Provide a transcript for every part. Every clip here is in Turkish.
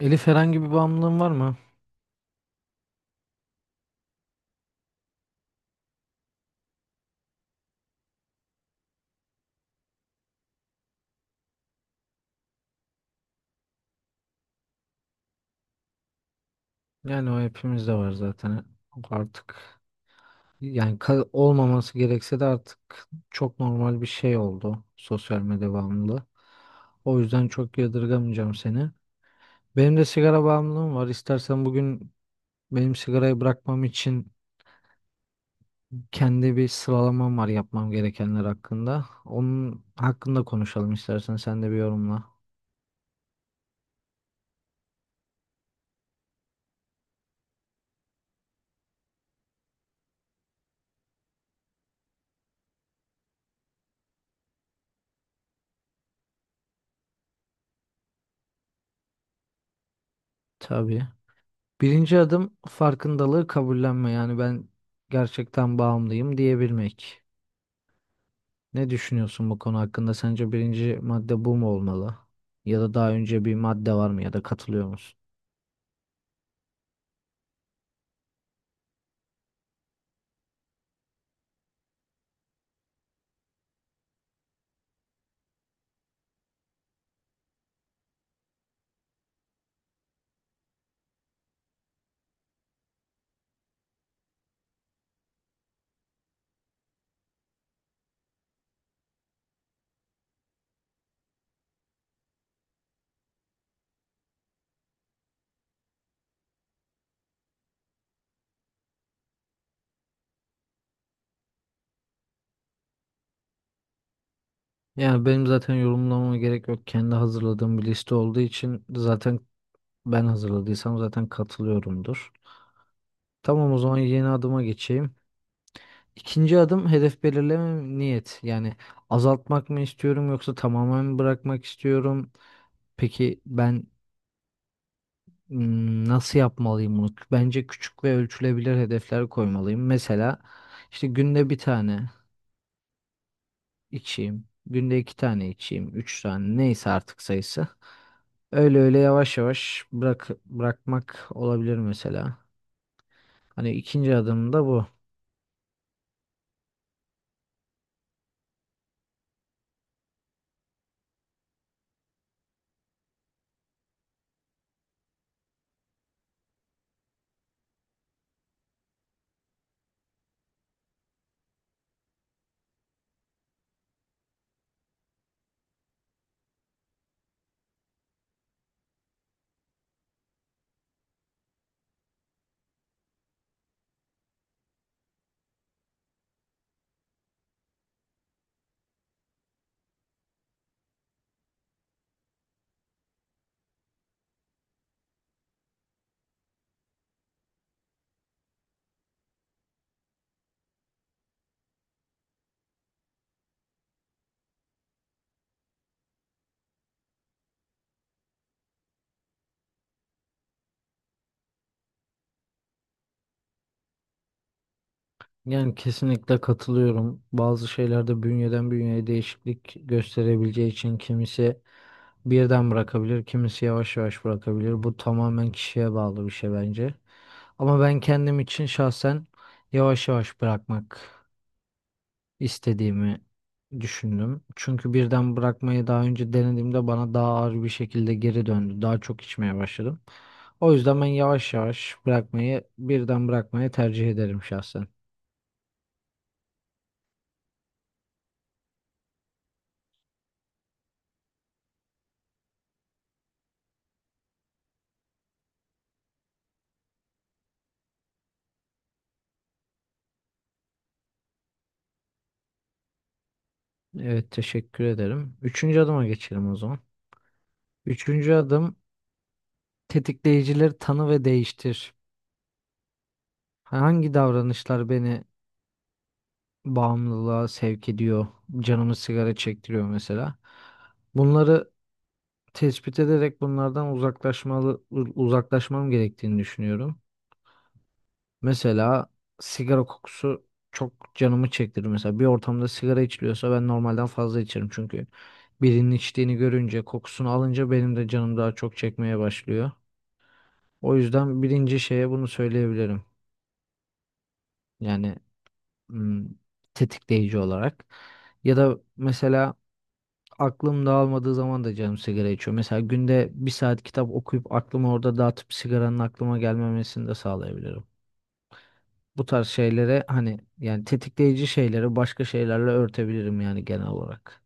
Elif, herhangi bir bağımlılığın var mı? Yani o hepimizde var zaten. Artık olmaması gerekse de artık çok normal bir şey oldu sosyal medya bağımlılığı. O yüzden çok yadırgamayacağım seni. Benim de sigara bağımlılığım var. İstersen bugün benim sigarayı bırakmam için kendi bir sıralamam var yapmam gerekenler hakkında. Onun hakkında konuşalım istersen sen de bir yorumla. Tabii. Birinci adım farkındalığı kabullenme. Yani ben gerçekten bağımlıyım diyebilmek. Ne düşünüyorsun bu konu hakkında? Sence birinci madde bu mu olmalı? Ya da daha önce bir madde var mı ya da katılıyor musun? Yani benim zaten yorumlamama gerek yok. Kendi hazırladığım bir liste olduğu için zaten ben hazırladıysam zaten katılıyorumdur. Tamam, o zaman yeni adıma geçeyim. İkinci adım hedef belirleme niyet. Yani azaltmak mı istiyorum yoksa tamamen mi bırakmak istiyorum? Peki ben nasıl yapmalıyım bunu? Bence küçük ve ölçülebilir hedefler koymalıyım. Mesela işte günde bir tane içeyim, günde iki tane içeyim, üç tane neyse artık sayısı. Öyle öyle yavaş yavaş bırakmak olabilir mesela. Hani ikinci adım da bu. Yani kesinlikle katılıyorum. Bazı şeylerde bünyeden bünyeye değişiklik gösterebileceği için kimisi birden bırakabilir, kimisi yavaş yavaş bırakabilir. Bu tamamen kişiye bağlı bir şey bence. Ama ben kendim için şahsen yavaş yavaş bırakmak istediğimi düşündüm. Çünkü birden bırakmayı daha önce denediğimde bana daha ağır bir şekilde geri döndü. Daha çok içmeye başladım. O yüzden ben yavaş yavaş bırakmayı, birden bırakmayı tercih ederim şahsen. Evet, teşekkür ederim. Üçüncü adıma geçelim o zaman. Üçüncü adım tetikleyicileri tanı ve değiştir. Hangi davranışlar beni bağımlılığa sevk ediyor? Canımı sigara çektiriyor mesela. Bunları tespit ederek bunlardan uzaklaşmam gerektiğini düşünüyorum. Mesela sigara kokusu çok canımı çektirir. Mesela bir ortamda sigara içiliyorsa ben normalden fazla içerim, çünkü birinin içtiğini görünce kokusunu alınca benim de canım daha çok çekmeye başlıyor. O yüzden birinci şeye bunu söyleyebilirim. Yani hmm, Tetikleyici olarak. Ya da mesela aklım dağılmadığı zaman da canım sigara içiyor. Mesela günde bir saat kitap okuyup aklımı orada dağıtıp sigaranın aklıma gelmemesini de sağlayabilirim. Bu tarz şeylere hani yani tetikleyici şeyleri başka şeylerle örtebilirim yani genel olarak.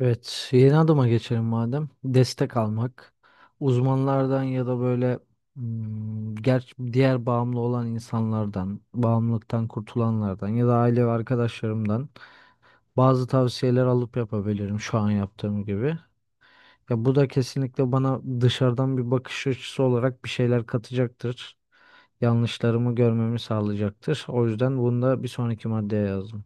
Evet, yeni adıma geçelim madem. Destek almak. Uzmanlardan ya da böyle hmm, ger diğer bağımlı olan insanlardan, bağımlılıktan kurtulanlardan ya da aile ve arkadaşlarımdan bazı tavsiyeler alıp yapabilirim şu an yaptığım gibi. Ya bu da kesinlikle bana dışarıdan bir bakış açısı olarak bir şeyler katacaktır. Yanlışlarımı görmemi sağlayacaktır. O yüzden bunu da bir sonraki maddeye yazdım.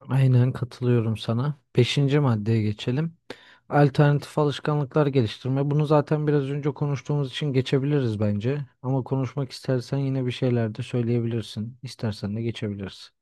Aynen katılıyorum sana. Beşinci maddeye geçelim. Alternatif alışkanlıklar geliştirme. Bunu zaten biraz önce konuştuğumuz için geçebiliriz bence. Ama konuşmak istersen yine bir şeyler de söyleyebilirsin. İstersen de geçebiliriz.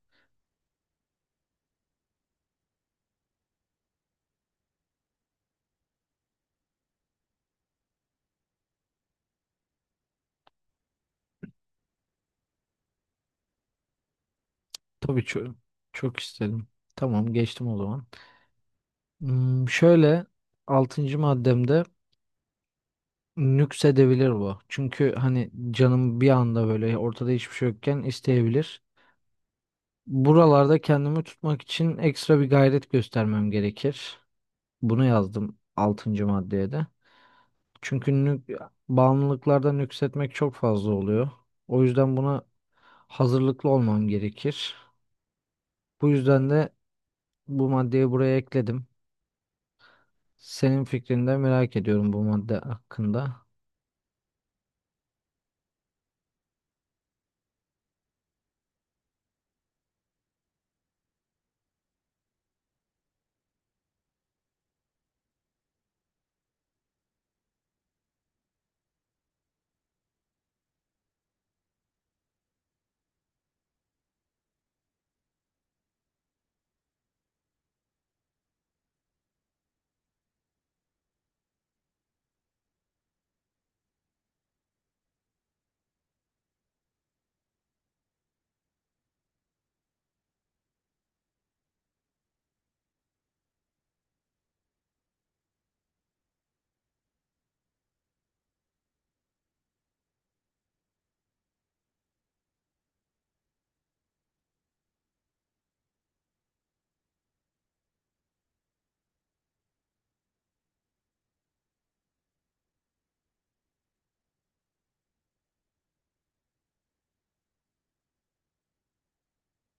Tabii, çok, çok isterim. Tamam, geçtim o zaman. Şöyle, altıncı maddemde nüksedebilir bu. Çünkü hani canım bir anda böyle ortada hiçbir şey yokken isteyebilir. Buralarda kendimi tutmak için ekstra bir gayret göstermem gerekir. Bunu yazdım altıncı maddeye de. Çünkü bağımlılıklardan nüksetmek çok fazla oluyor. O yüzden buna hazırlıklı olmam gerekir. Bu yüzden de bu maddeyi buraya ekledim. Senin fikrini de merak ediyorum bu madde hakkında.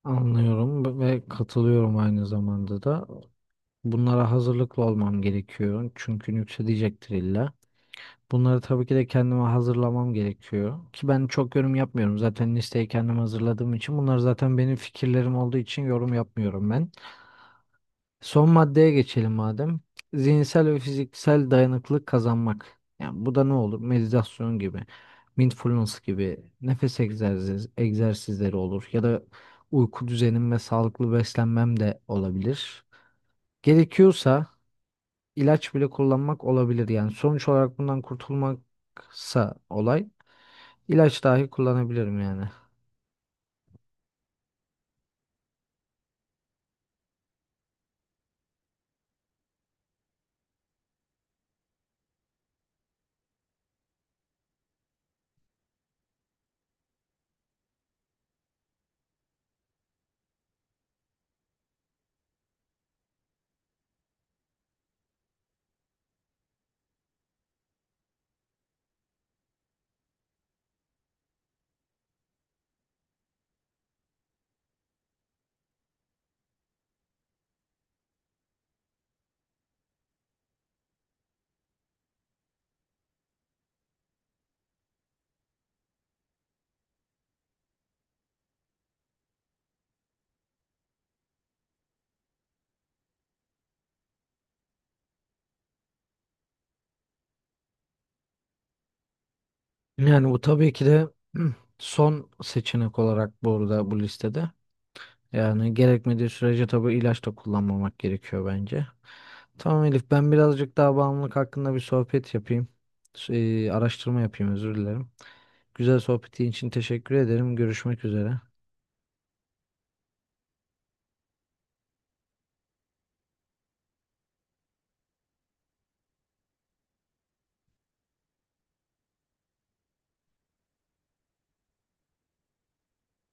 Anlıyorum ve katılıyorum aynı zamanda da. Bunlara hazırlıklı olmam gerekiyor. Çünkü nüksedecektir illa. Bunları tabii ki de kendime hazırlamam gerekiyor. Ki ben çok yorum yapmıyorum. Zaten listeyi kendim hazırladığım için. Bunlar zaten benim fikirlerim olduğu için yorum yapmıyorum ben. Son maddeye geçelim madem. Zihinsel ve fiziksel dayanıklılık kazanmak. Yani bu da ne olur? Meditasyon gibi, mindfulness gibi, egzersizleri olur. Ya da uyku düzenim ve sağlıklı beslenmem de olabilir. Gerekiyorsa ilaç bile kullanmak olabilir. Yani sonuç olarak bundan kurtulmaksa olay. İlaç dahi kullanabilirim yani. Yani bu tabii ki de son seçenek olarak burada bu listede. Yani gerekmediği sürece tabii ilaç da kullanmamak gerekiyor bence. Tamam Elif, ben birazcık daha bağımlılık hakkında bir sohbet yapayım. Araştırma yapayım, özür dilerim. Güzel sohbetin için teşekkür ederim. Görüşmek üzere.